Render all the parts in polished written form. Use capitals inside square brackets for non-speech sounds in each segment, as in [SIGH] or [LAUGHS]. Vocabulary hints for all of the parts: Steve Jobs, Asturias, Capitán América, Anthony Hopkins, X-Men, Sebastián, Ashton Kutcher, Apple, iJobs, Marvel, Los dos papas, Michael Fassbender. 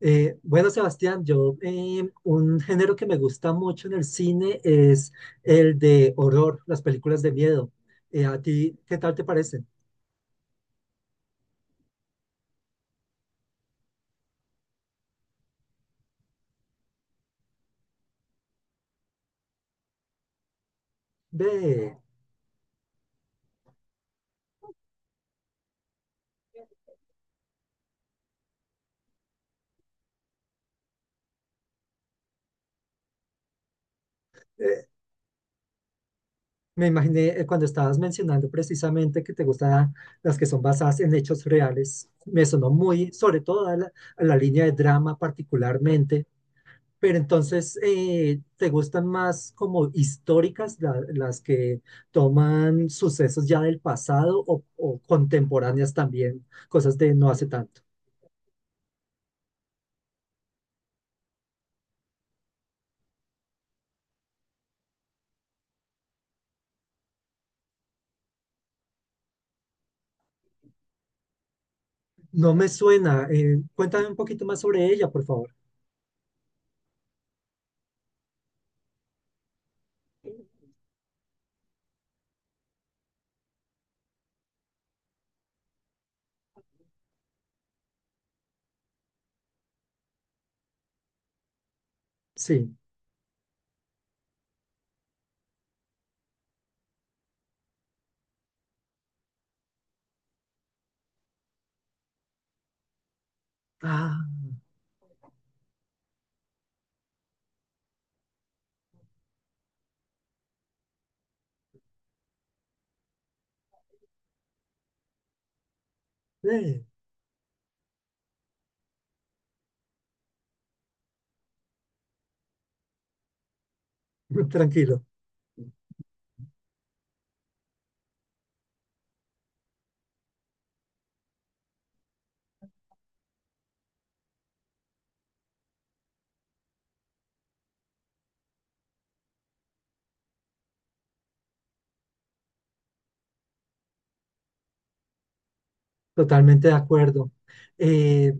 Bueno, Sebastián, yo un género que me gusta mucho en el cine es el de horror, las películas de miedo. ¿A ti qué tal te parecen? Ve, eh, me imaginé cuando estabas mencionando precisamente que te gustan las que son basadas en hechos reales. Me sonó muy, sobre todo a la línea de drama particularmente. Pero entonces, ¿te gustan más como históricas, las que toman sucesos ya del pasado o contemporáneas también, cosas de no hace tanto? No me suena. Cuéntame un poquito más sobre ella, por favor. Sí. Ah, eh, [LAUGHS] tranquilo, totalmente de acuerdo. Eh,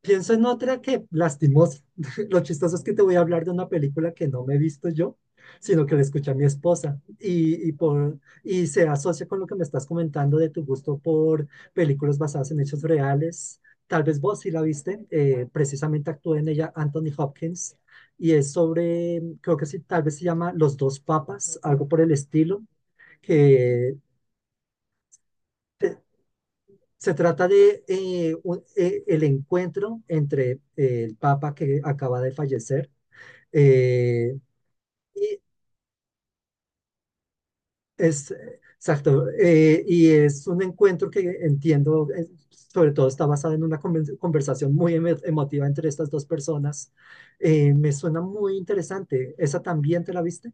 Pienso en otra que, lastimosa, [LAUGHS] lo chistoso es que te voy a hablar de una película que no me he visto yo, sino que la escuché a mi esposa y se asocia con lo que me estás comentando de tu gusto por películas basadas en hechos reales. Tal vez vos sí la viste, precisamente actúa en ella Anthony Hopkins y es sobre, creo que sí, tal vez se llama Los dos papas, algo por el estilo, que se trata de el encuentro entre el Papa que acaba de fallecer, eh, y es exacto. Y es un encuentro que entiendo, sobre todo está basado en una conversación muy emotiva entre estas dos personas. Me suena muy interesante. ¿Esa también te la viste?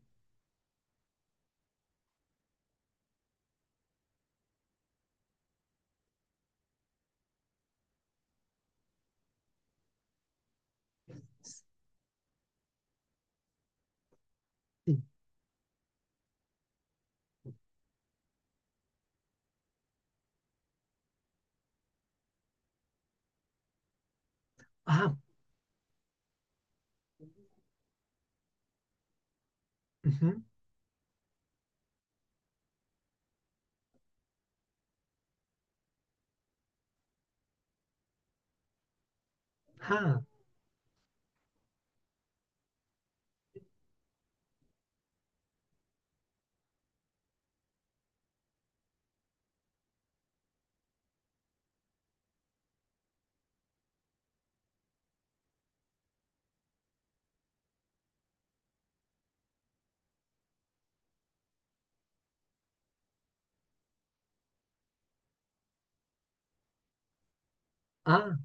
Sí. Ah, ujú, ah, ah.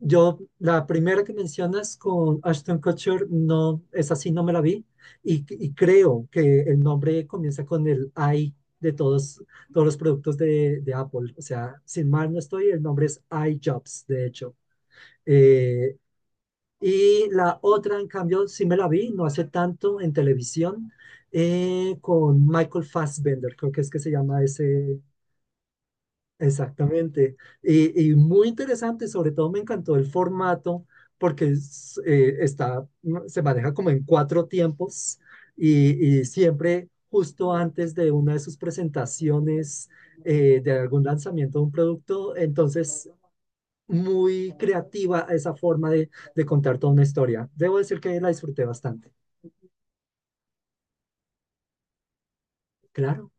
Yo, la primera que mencionas con Ashton Kutcher, no, es así, no me la vi. Y creo que el nombre comienza con el I de todos, todos los productos de Apple. O sea, sin mal no estoy, el nombre es iJobs, de hecho. Eh, y la otra, en cambio, sí me la vi, no hace tanto, en televisión, con Michael Fassbender, creo que es que se llama ese. Exactamente. Y muy interesante, sobre todo me encantó el formato porque es, se maneja como en cuatro tiempos y siempre justo antes de una de sus presentaciones, de algún lanzamiento de un producto. Entonces, muy creativa esa forma de contar toda una historia. Debo decir que la disfruté bastante. Claro,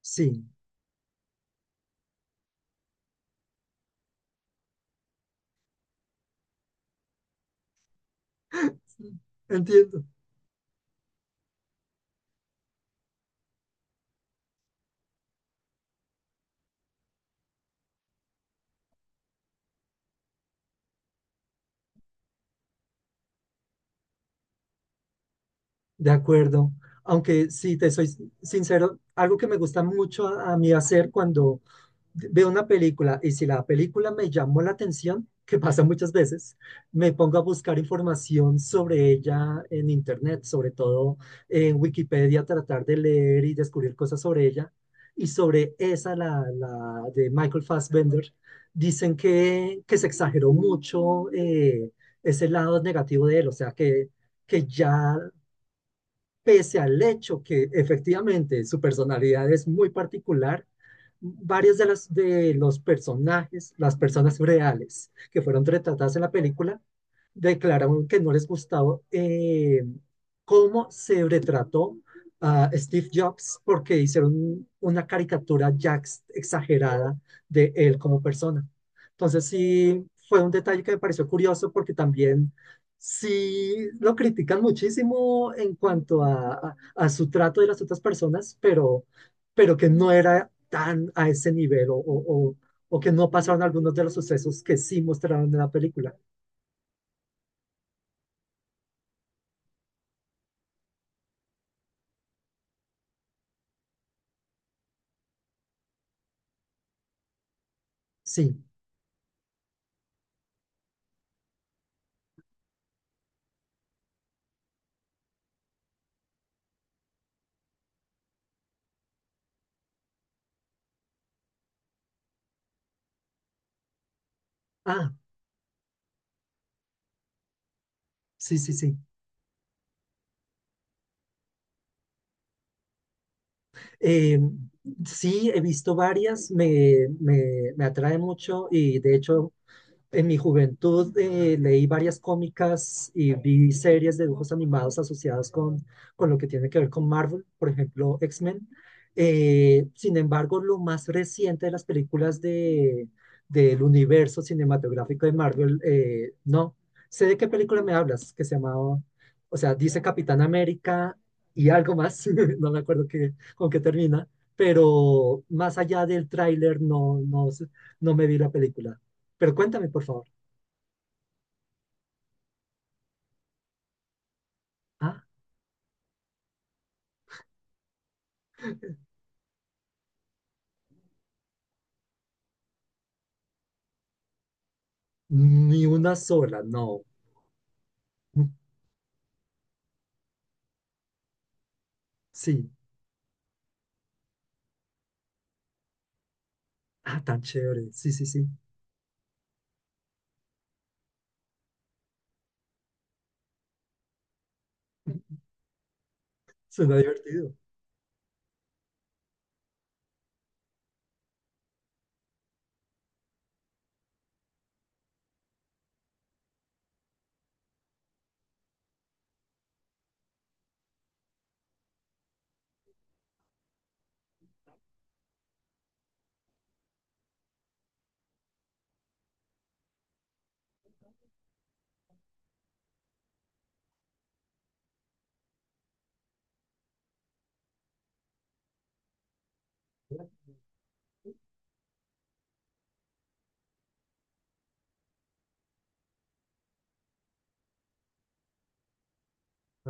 sí, sí, entiendo. De acuerdo. Aunque si te soy sincero, algo que me gusta mucho a mí hacer cuando veo una película y si la película me llamó la atención, que pasa muchas veces, me pongo a buscar información sobre ella en internet, sobre todo en Wikipedia, tratar de leer y descubrir cosas sobre ella. Y sobre esa, la de Michael Fassbender, dicen que se exageró mucho, ese lado negativo de él, o sea, que ya pese al hecho que efectivamente su personalidad es muy particular, varios de, las, de los personajes, las personas reales que fueron retratadas en la película, declararon que no les gustaba, cómo se retrató a Steve Jobs porque hicieron una caricatura ya exagerada de él como persona. Entonces sí fue un detalle que me pareció curioso porque también sí, lo critican muchísimo en cuanto a, a su trato de las otras personas, pero que no era tan a ese nivel o que no pasaron algunos de los sucesos que sí mostraron en la película. Sí, ah, sí, sí, sí. Eh, sí, he visto varias, me atrae mucho y de hecho en mi juventud leí varias cómicas y vi series de dibujos animados asociadas con lo que tiene que ver con Marvel, por ejemplo, X-Men. Sin embargo, lo más reciente de las películas de, del universo cinematográfico de Marvel, no. Sé de qué película me hablas, que se llamaba, o sea, dice Capitán América y algo más, [LAUGHS] no me acuerdo qué, con qué termina, pero más allá del tráiler no, no, no me vi la película. Pero cuéntame, por favor. Ah, ni una sola, no. Mm, sí. Ah, tan chévere. Sí, sí, sí. Suena divertido.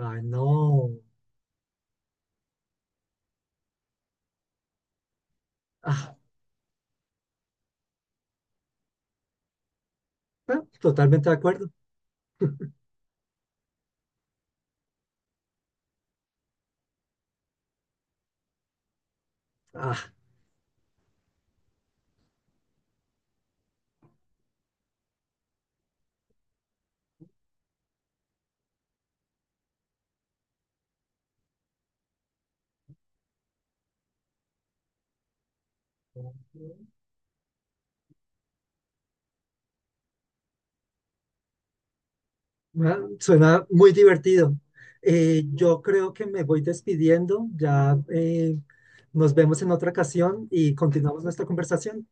Ay, no. Ah, bueno, totalmente de acuerdo. Ah, bueno, suena muy divertido. Yo creo que me voy despidiendo. Ya nos vemos en otra ocasión y continuamos nuestra conversación.